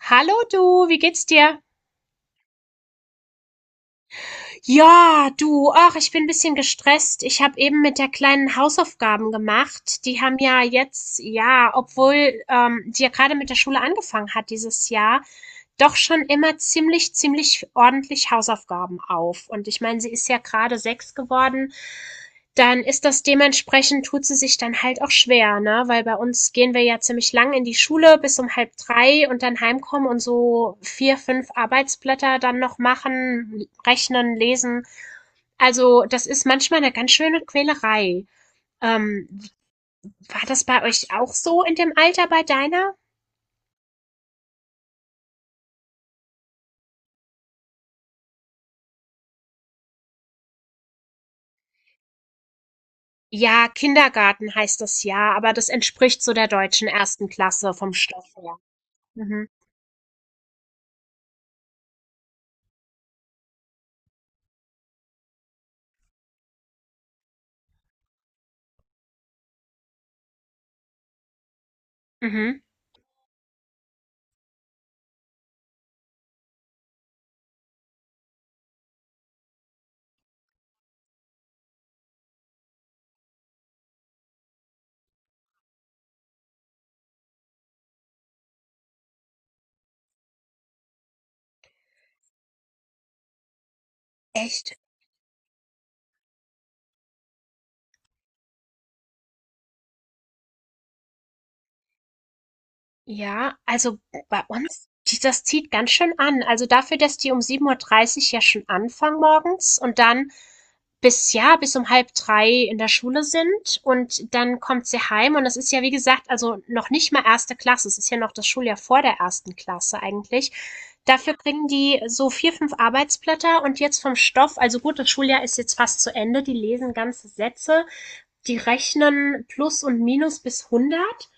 Hallo du, wie geht's dir? Ja, du, ach, ich bin ein bisschen gestresst. Ich habe eben mit der Kleinen Hausaufgaben gemacht. Die haben ja jetzt, ja, obwohl die ja gerade mit der Schule angefangen hat dieses Jahr, doch schon immer ziemlich, ziemlich ordentlich Hausaufgaben auf. Und ich meine, sie ist ja gerade 6 geworden. Dann ist das dementsprechend tut sie sich dann halt auch schwer, ne? Weil bei uns gehen wir ja ziemlich lang in die Schule bis um halb drei und dann heimkommen und so vier, fünf Arbeitsblätter dann noch machen, rechnen, lesen. Also das ist manchmal eine ganz schöne Quälerei. Ähm, war das bei euch auch so in dem Alter bei deiner? Ja, Kindergarten heißt das ja, aber das entspricht so der deutschen ersten Klasse vom Stoff her. Mhm. Mhm. Echt? Ja, also bei uns, die das zieht ganz schön an. Also dafür, dass die um 7:30 Uhr ja schon anfangen morgens und dann bis um halb drei in der Schule sind und dann kommt sie heim und das ist ja, wie gesagt, also noch nicht mal erste Klasse. Es ist ja noch das Schuljahr vor der ersten Klasse eigentlich. Dafür kriegen die so vier, fünf Arbeitsblätter und jetzt vom Stoff, also gut, das Schuljahr ist jetzt fast zu Ende, die lesen ganze Sätze, die rechnen Plus und Minus bis 100.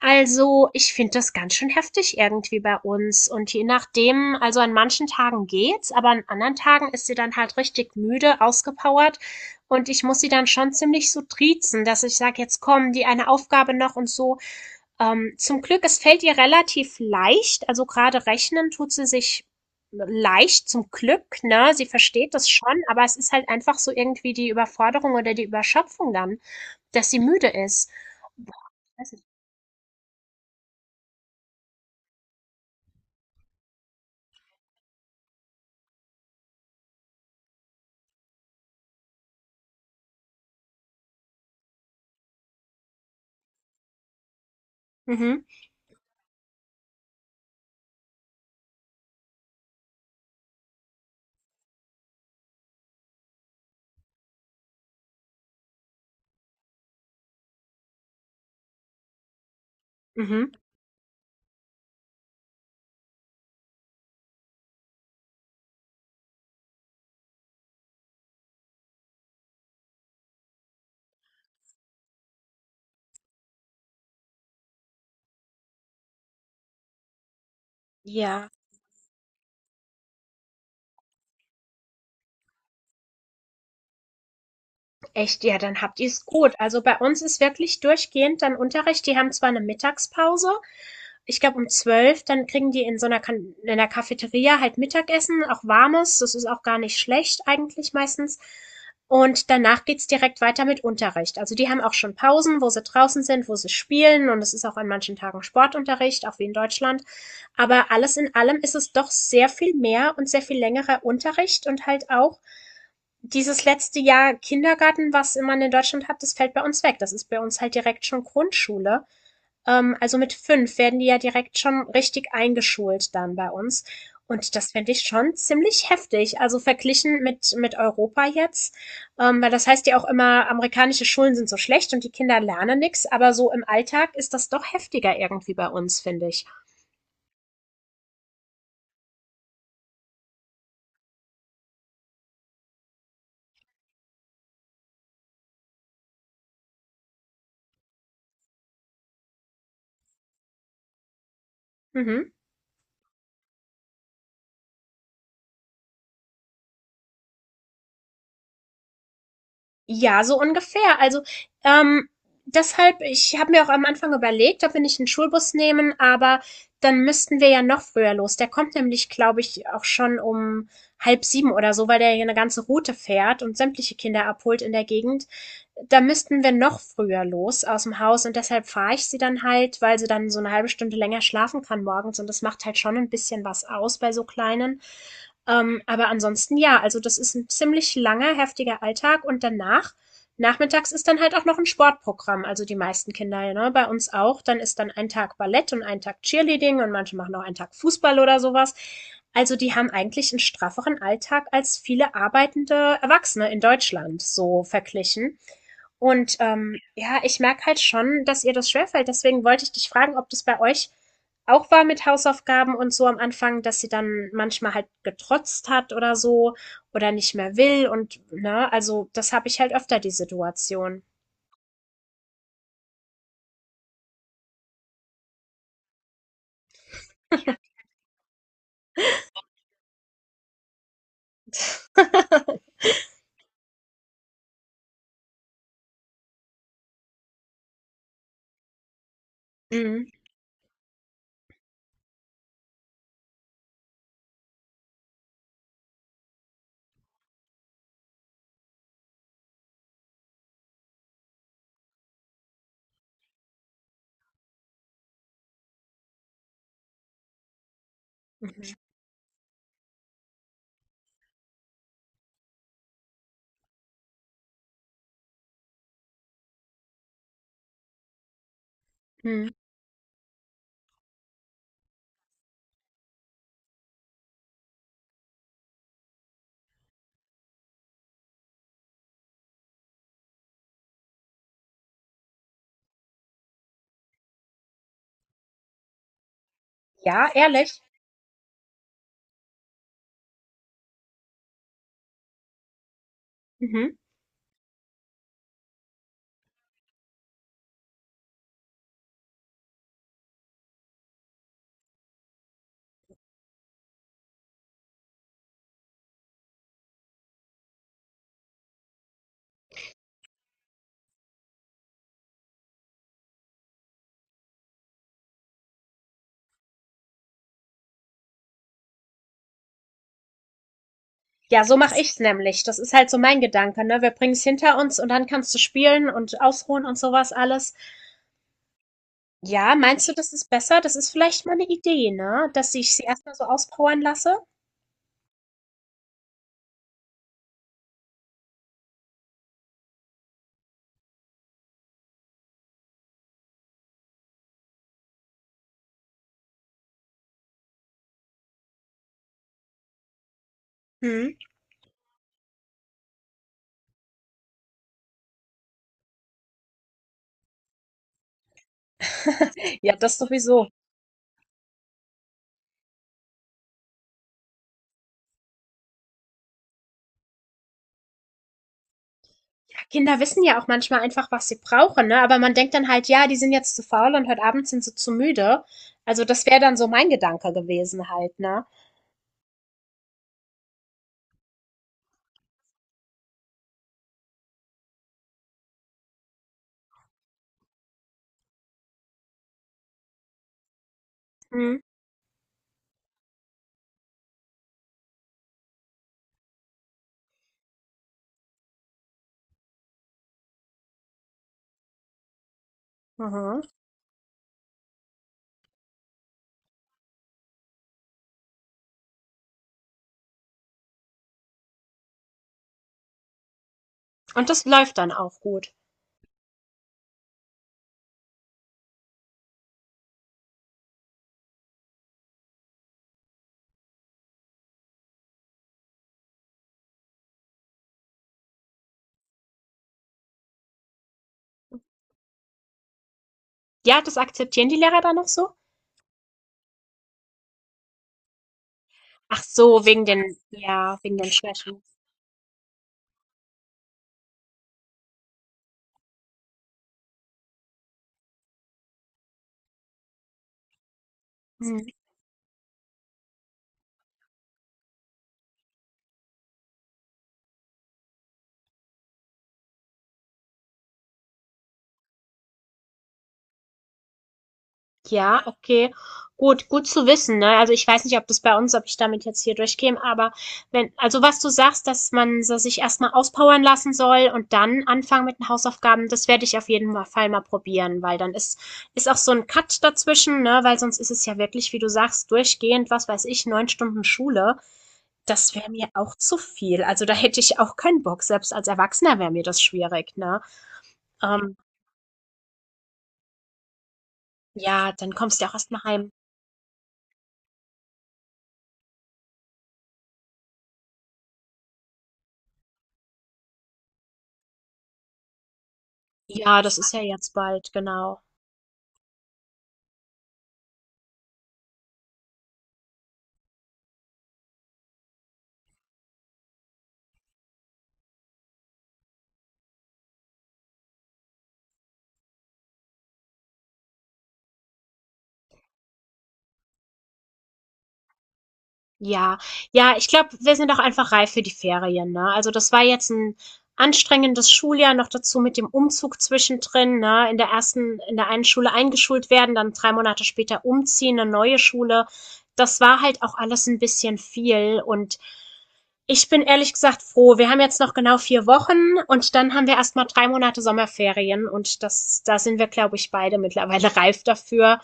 Also, ich finde das ganz schön heftig irgendwie bei uns. Und je nachdem, also an manchen Tagen geht's, aber an anderen Tagen ist sie dann halt richtig müde, ausgepowert. Und ich muss sie dann schon ziemlich so triezen, dass ich sage, jetzt komm, die eine Aufgabe noch und so. Zum Glück, es fällt ihr relativ leicht. Also gerade rechnen tut sie sich leicht zum Glück, ne? Sie versteht das schon, aber es ist halt einfach so irgendwie die Überforderung oder die Überschöpfung dann, dass sie müde ist. Boah, weiß ich. Mhm. Mhm. Ja, echt, ja, dann habt ihr's gut. Also bei uns ist wirklich durchgehend dann Unterricht. Die haben zwar eine Mittagspause, ich glaube um 12, dann kriegen die in so einer kan in der Cafeteria halt Mittagessen, auch warmes. Das ist auch gar nicht schlecht eigentlich meistens. Und danach geht's direkt weiter mit Unterricht. Also die haben auch schon Pausen, wo sie draußen sind, wo sie spielen. Und es ist auch an manchen Tagen Sportunterricht, auch wie in Deutschland. Aber alles in allem ist es doch sehr viel mehr und sehr viel längerer Unterricht und halt auch. Dieses letzte Jahr Kindergarten, was man in Deutschland hat, das fällt bei uns weg. Das ist bei uns halt direkt schon Grundschule. Also mit 5 werden die ja direkt schon richtig eingeschult dann bei uns. Und das fände ich schon ziemlich heftig. Also verglichen mit Europa jetzt. Weil das heißt ja auch immer, amerikanische Schulen sind so schlecht und die Kinder lernen nichts. Aber so im Alltag ist das doch heftiger irgendwie bei uns, finde ich. Mhm. Ja, so ungefähr. Also, ähm, deshalb ich habe mir auch am Anfang überlegt, ob wir nicht einen Schulbus nehmen, aber dann müssten wir ja noch früher los. Der kommt nämlich, glaube ich, auch schon um halb sieben oder so, weil der ja 'ne ganze Route fährt und sämtliche Kinder abholt in der Gegend. Da müssten wir noch früher los aus dem Haus und deshalb fahre ich sie dann halt, weil sie dann so eine halbe Stunde länger schlafen kann morgens und das macht halt schon ein bisschen was aus bei so Kleinen. Aber ansonsten ja, also das ist ein ziemlich langer, heftiger Alltag und danach, nachmittags ist dann halt auch noch ein Sportprogramm, also die meisten Kinder, ne, bei uns auch, dann ist dann ein Tag Ballett und ein Tag Cheerleading und manche machen auch einen Tag Fußball oder sowas. Also die haben eigentlich einen strafferen Alltag als viele arbeitende Erwachsene in Deutschland so verglichen. Und ja, ich merke halt schon, dass ihr das schwerfällt. Deswegen wollte ich dich fragen, ob das bei euch auch war mit Hausaufgaben und so am Anfang, dass sie dann manchmal halt getrotzt hat oder so oder nicht mehr will und ne, also das habe ich halt öfter die Situation. Mhm. Mhm. Mhm. Ja, ehrlich. Mhm. Ja, so mache ich's nämlich. Das ist halt so mein Gedanke, ne? Wir bringen's hinter uns und dann kannst du spielen und ausruhen und sowas alles. Ja, meinst du, das ist besser? Das ist vielleicht mal eine Idee, ne? Dass ich sie erstmal so auspowern lasse? Mhm. Ja, das sowieso. Ja, Kinder wissen ja auch manchmal einfach, was sie brauchen, ne? Aber man denkt dann halt, ja, die sind jetzt zu faul und heute Abend sind sie zu müde. Also das wäre dann so mein Gedanke gewesen halt, ne? Mhm. Mhm. Und das läuft dann auch gut. Ja, das akzeptieren die Lehrer dann noch so? Ach so, wegen den, ja, wegen den Schwächen. Mhm. Ja, okay. Gut, gut zu wissen, ne? Also ich weiß nicht, ob das bei uns, ob ich damit jetzt hier durchkäme, aber wenn, also was du sagst, dass man so sich erstmal auspowern lassen soll und dann anfangen mit den Hausaufgaben, das werde ich auf jeden Fall mal probieren, weil dann ist auch so ein Cut dazwischen, ne? Weil sonst ist es ja wirklich, wie du sagst, durchgehend, was weiß ich, 9 Stunden Schule. Das wäre mir auch zu viel. Also da hätte ich auch keinen Bock. Selbst als Erwachsener wäre mir das schwierig, ne? Ähm, ja, dann kommst du ja auch erstmal heim. Ja, das ist ja jetzt bald, genau. Ja, ja, ich glaube, wir sind auch einfach reif für die Ferien, ne? Also das war jetzt ein anstrengendes Schuljahr noch dazu mit dem Umzug zwischendrin, ne? In der einen Schule eingeschult werden, dann 3 Monate später umziehen, eine neue Schule. Das war halt auch alles ein bisschen viel und ich bin ehrlich gesagt froh. Wir haben jetzt noch genau 4 Wochen und dann haben wir erstmal 3 Monate Sommerferien und das, da sind wir, glaube ich, beide mittlerweile reif dafür.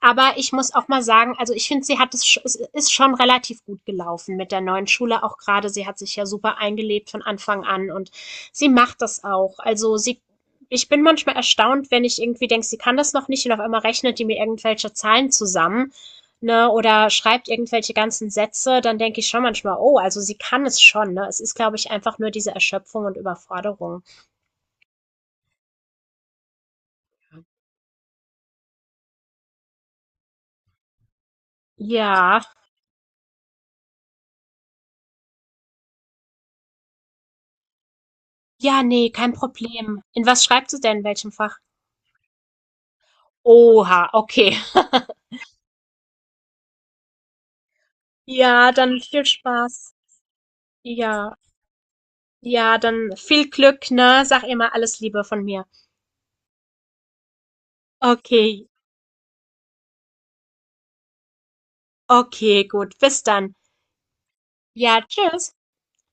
Aber ich muss auch mal sagen, also ich finde, sie hat es, es ist schon relativ gut gelaufen mit der neuen Schule auch gerade. Sie hat sich ja super eingelebt von Anfang an und sie macht das auch. Also sie, ich bin manchmal erstaunt, wenn ich irgendwie denke, sie kann das noch nicht und auf einmal rechnet die mir irgendwelche Zahlen zusammen, ne, oder schreibt irgendwelche ganzen Sätze, dann denke ich schon manchmal, oh, also sie kann es schon, ne. Es ist, glaube ich, einfach nur diese Erschöpfung und Überforderung. Ja, ja, nee, kein Problem. In was schreibt sie denn, in welchem Fach? Oha, okay. Ja, dann viel Spaß. Ja. Ja, dann viel Glück, ne? Sag immer alles Liebe von mir. Okay, okay, gut. Bis dann. Ja, tschüss.